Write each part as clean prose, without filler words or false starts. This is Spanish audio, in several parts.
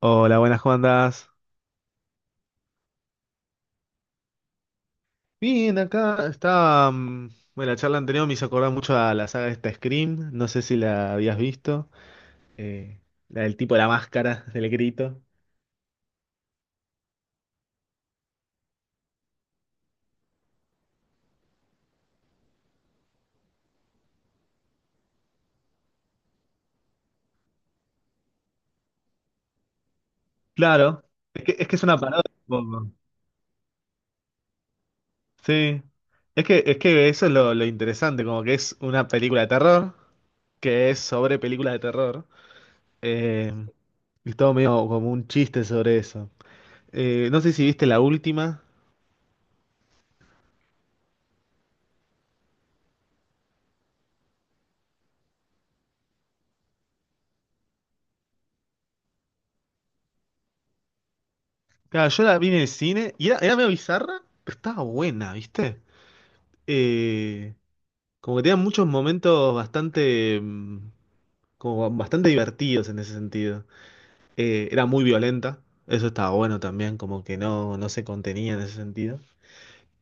Hola, buenas, ¿cómo andás? Bien, acá está. Bueno, la charla anterior me hizo acordar mucho a la saga de esta Scream. No sé si la habías visto. eh, la del tipo de la máscara, del grito. Claro, que es una parodia un poco. Sí. Es que eso es lo interesante, como que es una película de terror, que es sobre películas de terror. eh, y todo medio como un chiste sobre eso. No sé si viste la última. Claro, yo la vi en el cine y era medio bizarra, pero estaba buena, ¿viste? Eh, como que tenía muchos momentos bastante, como bastante divertidos en ese sentido. Era muy violenta, eso estaba bueno también, como que no se contenía en ese sentido.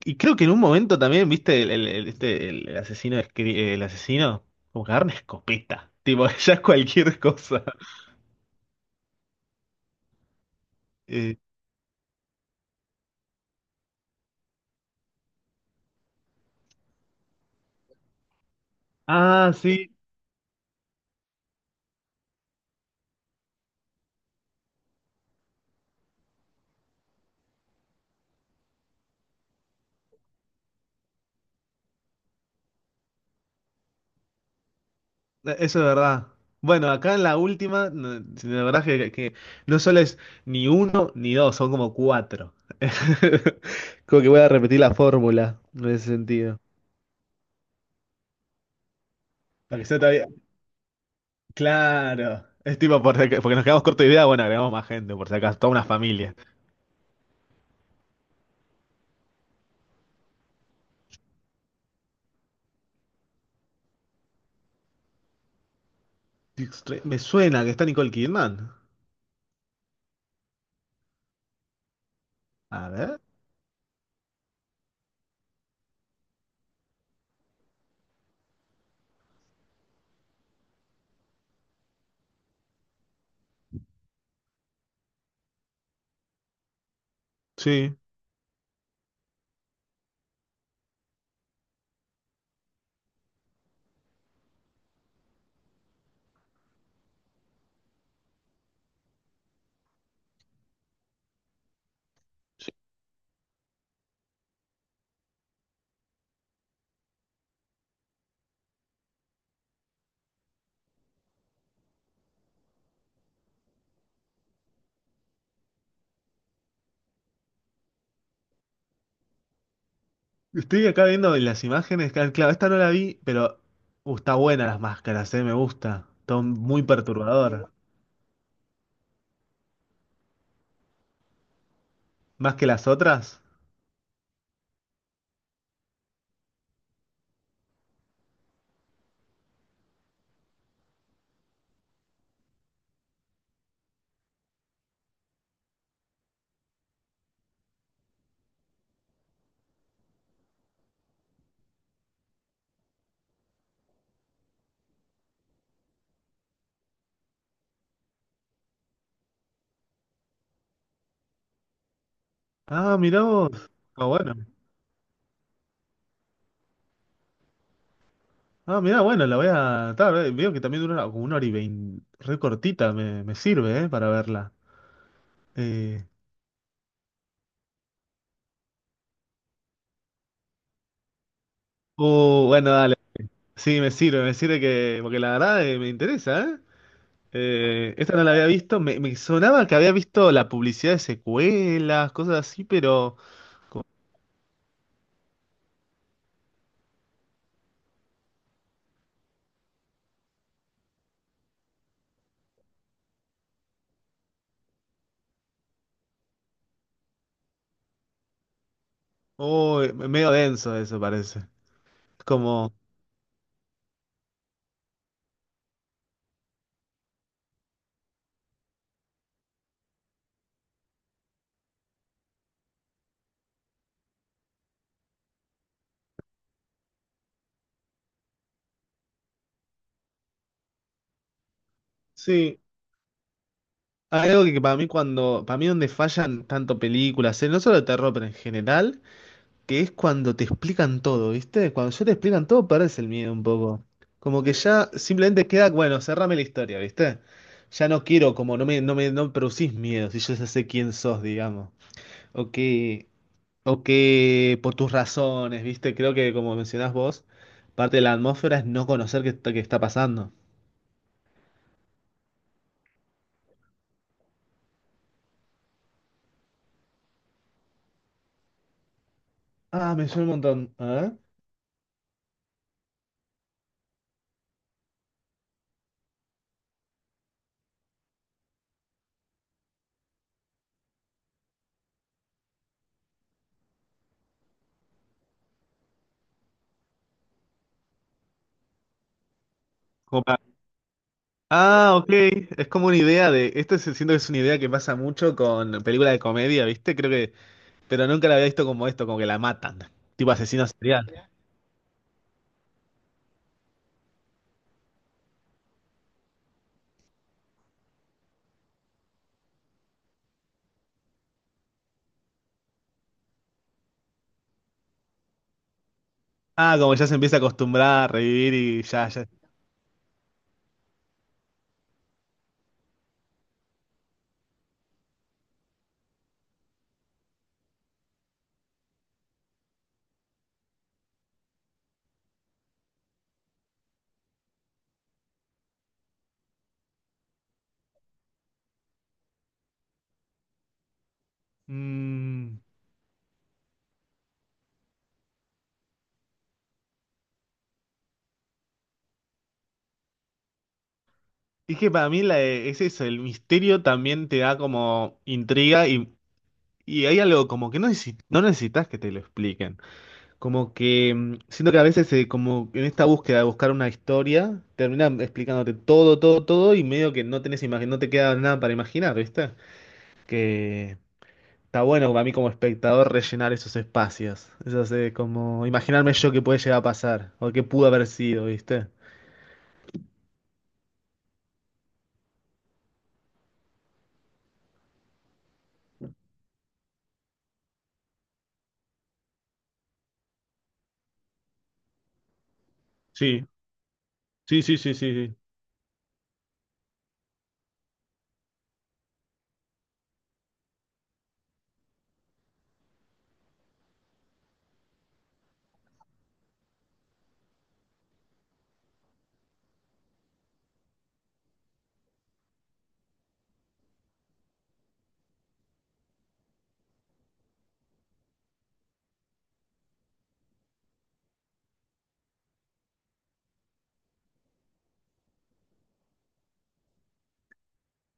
Y creo que en un momento también, ¿viste? El asesino, el asesino como que agarra una escopeta, tipo, ya es cualquier cosa. Eh, ah, sí, eso es verdad. Bueno, acá en la última, sí, la verdad que no solo es ni uno ni dos, son como cuatro. Como que voy a repetir la fórmula en ese sentido. Para que sea todavía- Claro. Es tipo, por si porque nos quedamos corto de idea, bueno, agregamos más gente, por si acaso, toda una familia. Extre- me suena que está Nicole Kidman. A ver. Sí. Estoy acá viendo las imágenes, claro, esta no la vi, pero está buena las máscaras, me gusta. Está muy perturbador. ¿Más que las otras? Ah, mirá vos. Ah, bueno. Ah, mirá, bueno, la voy a... ta, ve- veo que también dura una- como una hora y veinte. Re cortita, me sirve, ¿eh? Para verla. Eh... bueno, dale. Sí, me sirve que... Porque la verdad me interesa, ¿eh? Esta no la había visto. Me sonaba que había visto la publicidad de secuelas, cosas así, pero... Oh, medio denso eso parece. Como... Sí. Hay algo que para mí cuando... Para mí donde fallan tanto películas, no solo de terror, pero en general... Que es cuando te explican todo, ¿viste? Cuando ya te explican todo, perdés el miedo un poco. Como que ya simplemente queda, bueno, cerrame la historia, ¿viste? Ya no quiero, como no no me producís miedo, si yo ya sé quién sos, digamos. O que, o que por tus razones, ¿viste? Creo que como mencionás vos, parte de la atmósfera es no conocer qué está pasando. Ah, me suena un montón. A ver. Como para- Ah, ok. Es como una idea de. Siento que es una idea que pasa mucho con películas de comedia, ¿viste? Creo que pero nunca la había visto como esto, como que la matan. Tipo asesino serial. Ah, como ya se empieza a acostumbrar a revivir y ya, ya. Mm, es que para mí es eso, el misterio también te da como intriga y hay algo como que no necesitas que te lo expliquen. Como que siento que a veces como en esta búsqueda de buscar una historia, terminan explicándote todo y medio que no tenés imagen, no te queda nada para imaginar, ¿viste? Que está bueno para mí como espectador rellenar esos espacios. Eso es como imaginarme yo qué puede llegar a pasar o qué pudo haber sido, ¿viste? Sí, sí, sí, sí, sí, sí.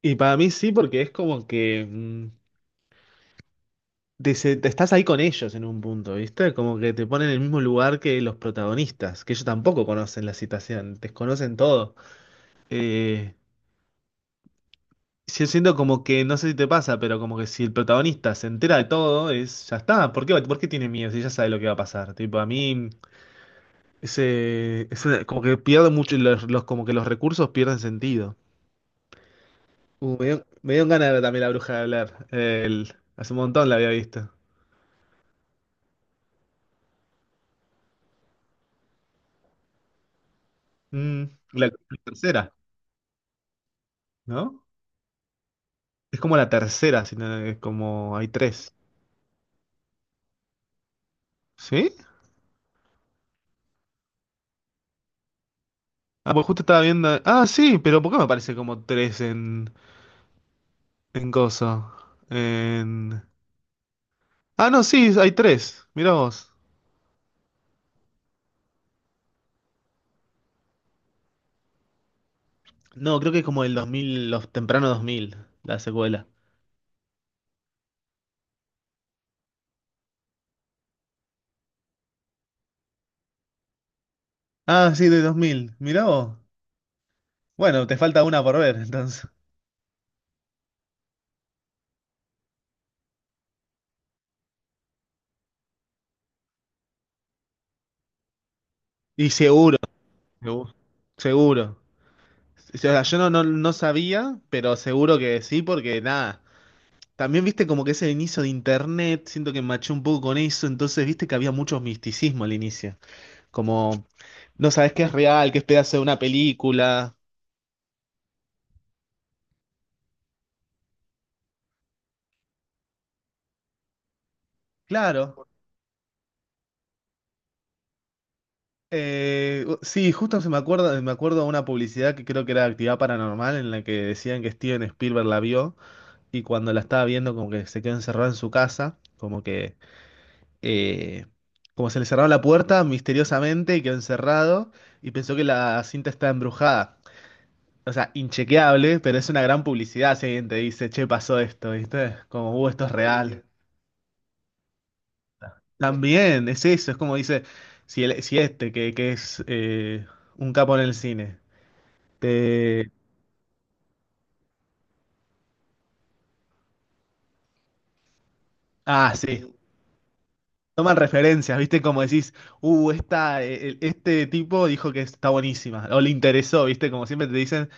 Y para mí sí, porque es como que te estás ahí con ellos en un punto, ¿viste? Como que te ponen en el mismo lugar que los protagonistas, que ellos tampoco conocen la situación, desconocen todo. Eh, yo siento como que, no sé si te pasa, pero como que si el protagonista se entera de todo, es, ya está. Por qué tiene miedo si ya sabe lo que va a pasar? Tipo, a mí como que pierde mucho, y como que los recursos pierden sentido. Me dio ganas de ver también La Bruja de hablar hace un montón la había visto. Mm, la tercera, ¿no? Es como la tercera, si no- es como hay tres. ¿Sí? Ah, pues justo estaba viendo. Ah, sí, pero ¿por qué me aparece como tres en coso? En... Ah, no, sí, hay tres. Mirá vos. No, creo que es como el 2000 los tempranos 2000 la secuela. Ah, sí, de 2000. Mirá vos. Bueno, te falta una por ver, entonces. Y seguro, segu- seguro. O sea, yo no, no sabía, pero seguro que sí, porque nada. También viste como que ese inicio de internet, siento que maché un poco con eso, entonces viste que había mucho misticismo al inicio. Como no sabes qué es real, qué es pedazo de una película. Claro. Sí, justo se me acuerda, me acuerdo de una publicidad que creo que era de Actividad Paranormal, en la que decían que Steven Spielberg la vio y cuando la estaba viendo como que se quedó encerrado en su casa, como que eh, como se le cerraba la puerta misteriosamente y quedó encerrado y pensó que la cinta estaba embrujada. O sea, inchequeable, pero es una gran publicidad si alguien te dice, che, pasó esto, ¿viste? Como, esto es real. También, es eso, es como dice, si, si este, que es un capo en el cine, te... Ah, sí. Sí, toman referencias, ¿viste? Como decís, esta, este tipo dijo que está buenísima, o le interesó, ¿viste? Como siempre te dicen,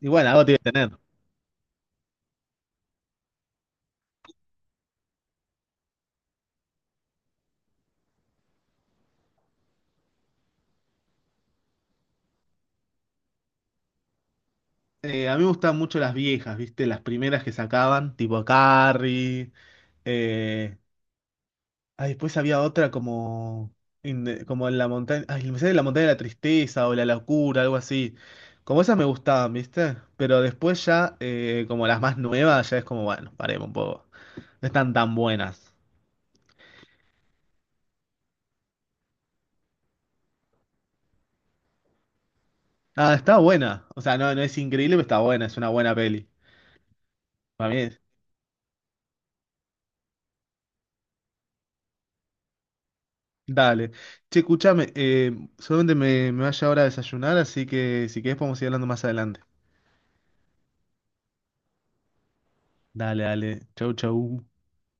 y bueno, algo tiene que tener. A mí me gustaban mucho las viejas, ¿viste? Las primeras que sacaban, tipo Carrie. Eh... Ah, después había otra como, in the- como en la montaña. Ay, me sale la montaña de la tristeza o la locura, algo así. Como esas me gustaban, ¿viste? Pero después ya, como las más nuevas, ya es como, bueno, paremos un poco. No están tan buenas. Ah, está buena. O sea, no es increíble, pero está buena, es una buena peli. Para mí dale. Che, escuchame, solamente me vaya ahora a desayunar, así que si querés podemos ir hablando más adelante. Dale, dale. Chau, chau.